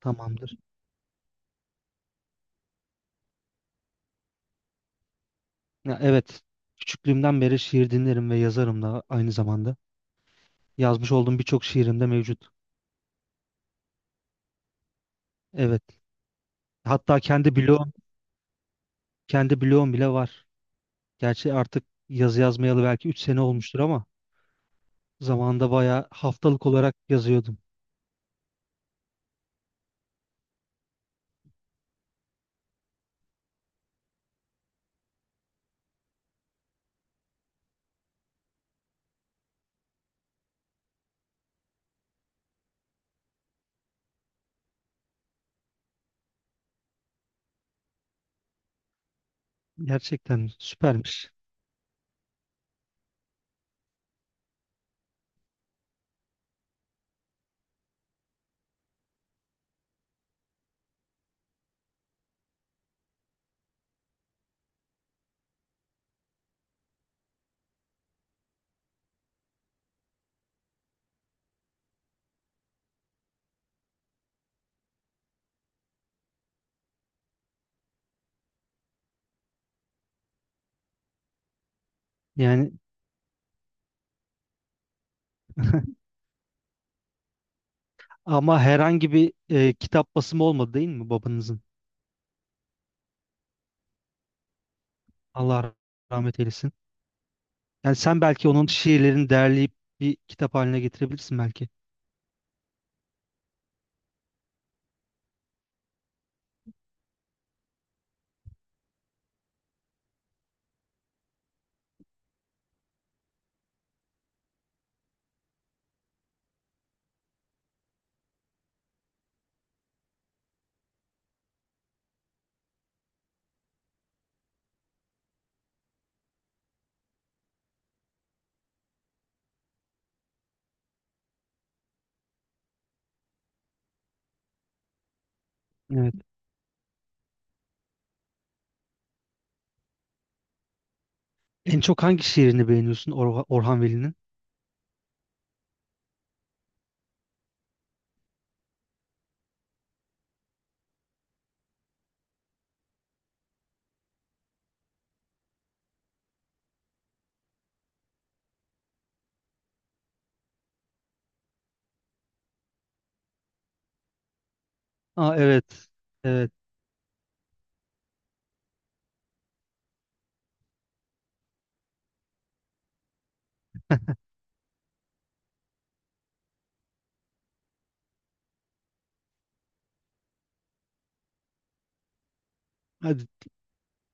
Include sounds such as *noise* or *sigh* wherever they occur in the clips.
Tamamdır. Ya evet. Küçüklüğümden beri şiir dinlerim ve yazarım da aynı zamanda. Yazmış olduğum birçok şiirim de mevcut. Evet. Hatta kendi bloğum bile var. Gerçi artık yazı yazmayalı belki 3 sene olmuştur ama zamanında bayağı haftalık olarak yazıyordum. Gerçekten süpermiş. Yani ama herhangi bir kitap basımı olmadı değil mi babanızın? Allah rahmet eylesin. Yani sen belki onun şiirlerini derleyip bir kitap haline getirebilirsin belki. En çok hangi şiirini beğeniyorsun Orhan Veli'nin? Aa, evet. Evet. Hadi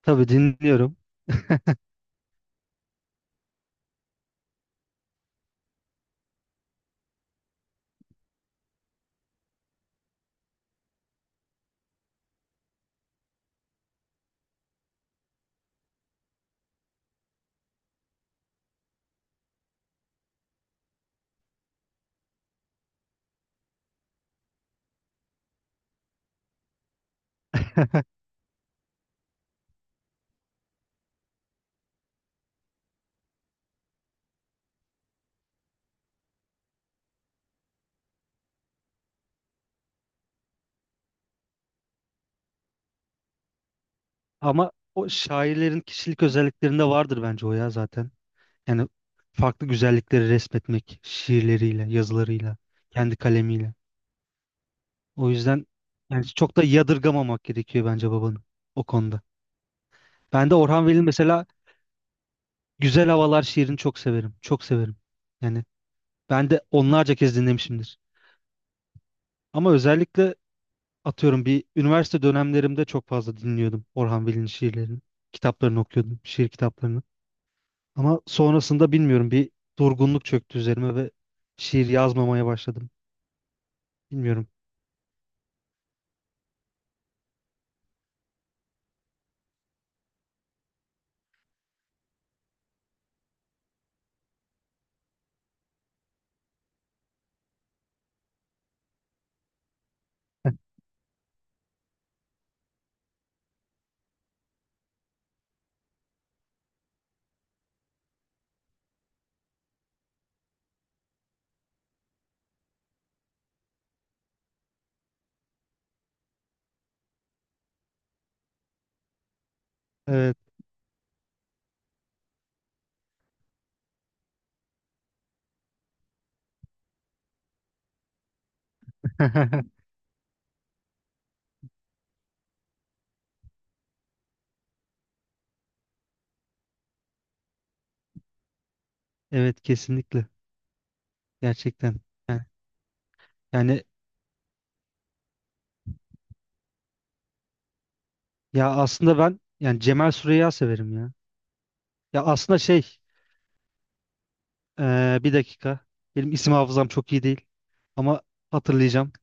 tabii dinliyorum. Ama o şairlerin kişilik özelliklerinde vardır bence o ya zaten. Yani farklı güzellikleri resmetmek şiirleriyle, yazılarıyla, kendi kalemiyle. O yüzden yani çok da yadırgamamak gerekiyor bence babanın o konuda. Ben de Orhan Veli'nin mesela Güzel Havalar şiirini çok severim. Çok severim. Yani ben de onlarca kez dinlemişimdir. Ama özellikle atıyorum bir üniversite dönemlerimde çok fazla dinliyordum Orhan Veli'nin şiirlerini. Kitaplarını okuyordum, şiir kitaplarını. Ama sonrasında bilmiyorum bir durgunluk çöktü üzerime ve şiir yazmamaya başladım. Bilmiyorum. *laughs* Evet. *laughs* Evet, kesinlikle. Gerçekten. Yani, yani ya aslında ben yani Cemal Süreya severim ya. Ya aslında şey bir dakika. Benim isim hafızam çok iyi değil. Ama hatırlayacağım.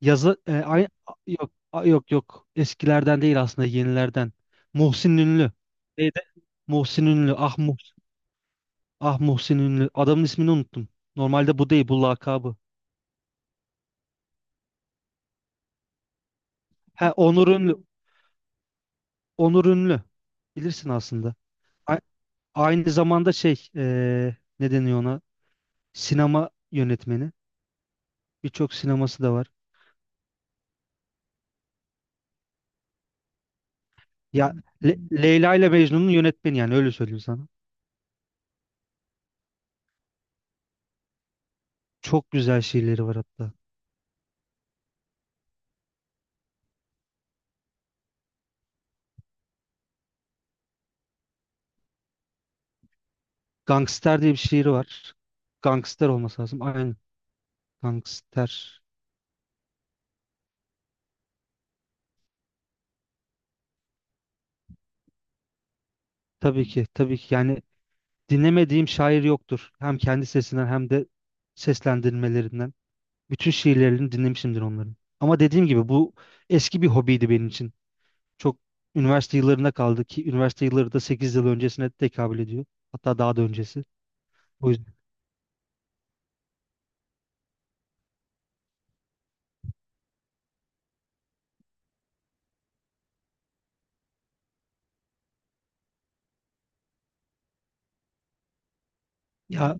Yazı aynı yok yok yok eskilerden değil aslında yenilerden. Muhsin Ünlü. Neydi? Muhsin Ünlü. Ah Muhsin, ah Muhsin Ünlü. Adamın ismini unuttum. Normalde bu değil bu lakabı. He Onur Ünlü. Onur Ünlü. Bilirsin aslında. A- Aynı zamanda şey ne deniyor ona? Sinema yönetmeni. Birçok sineması da var. Ya Leyla ile Mecnun'un yönetmeni yani öyle söyleyeyim sana. Çok güzel şiirleri var hatta. Gangster diye bir şiiri var. Gangster olması lazım. Aynen. Gangster. Tabii ki, tabii ki. Yani dinlemediğim şair yoktur. Hem kendi sesinden hem de seslendirmelerinden. Bütün şiirlerini dinlemişimdir onların. Ama dediğim gibi bu eski bir hobiydi benim için. Çok üniversite yıllarına kaldı ki üniversite yılları da 8 yıl öncesine tekabül ediyor. Hatta daha da öncesi. O yüzden ya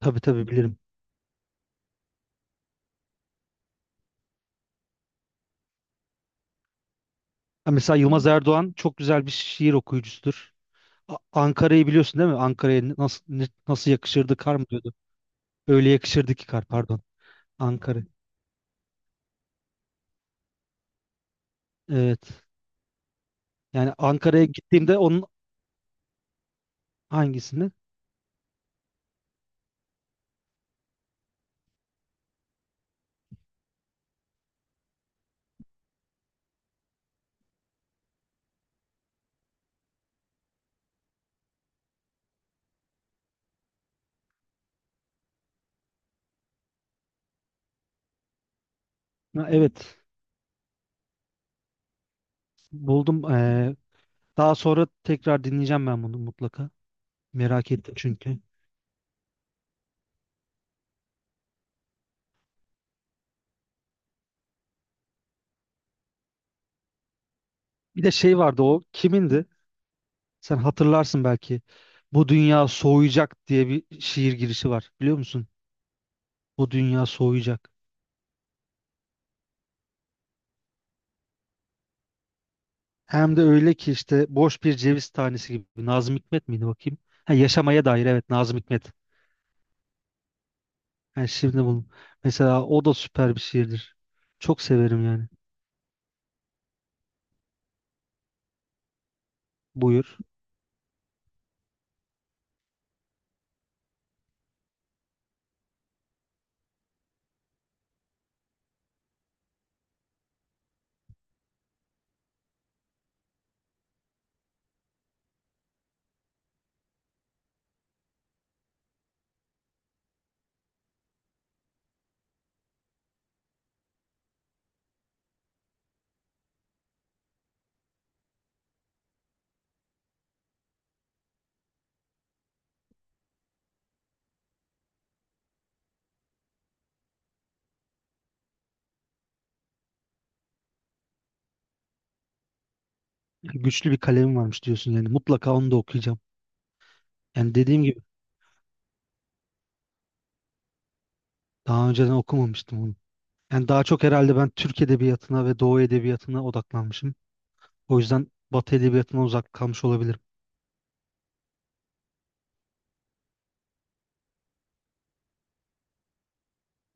tabii, tabii bilirim. Ha, mesela Yılmaz Erdoğan çok güzel bir şiir okuyucusudur. Ankara'yı biliyorsun değil mi? Ankara'ya nasıl nasıl yakışırdı kar mı diyordu. Öyle yakışırdı ki kar, pardon. Ankara. Evet. Yani Ankara'ya gittiğimde onun hangisini? Ha, evet. Buldum. Daha sonra tekrar dinleyeceğim ben bunu mutlaka. Merak ettim çünkü. Bir de şey vardı o kimindi? Sen hatırlarsın belki. Bu dünya soğuyacak diye bir şiir girişi var. Biliyor musun? Bu dünya soğuyacak. Hem de öyle ki işte boş bir ceviz tanesi gibi. Nazım Hikmet miydi bakayım? Ha, yaşamaya dair, evet Nazım Hikmet. Yani şimdi bunu mesela o da süper bir şiirdir. Çok severim yani. Buyur. Yani güçlü bir kalemim varmış diyorsun yani. Mutlaka onu da okuyacağım. Yani dediğim gibi daha önceden okumamıştım onu. Yani daha çok herhalde ben Türk edebiyatına ve Doğu edebiyatına odaklanmışım. O yüzden Batı edebiyatına uzak kalmış olabilirim.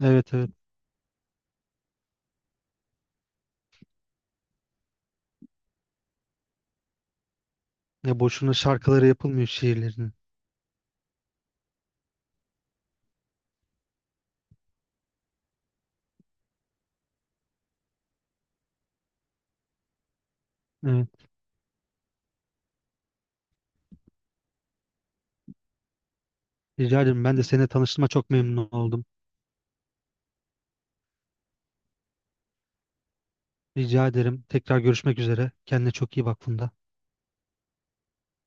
Evet, evet. Ya boşuna şarkıları yapılmıyor şiirlerinin. Evet. Rica ederim. Ben de seninle tanıştığıma çok memnun oldum. Rica ederim. Tekrar görüşmek üzere. Kendine çok iyi bak, Funda.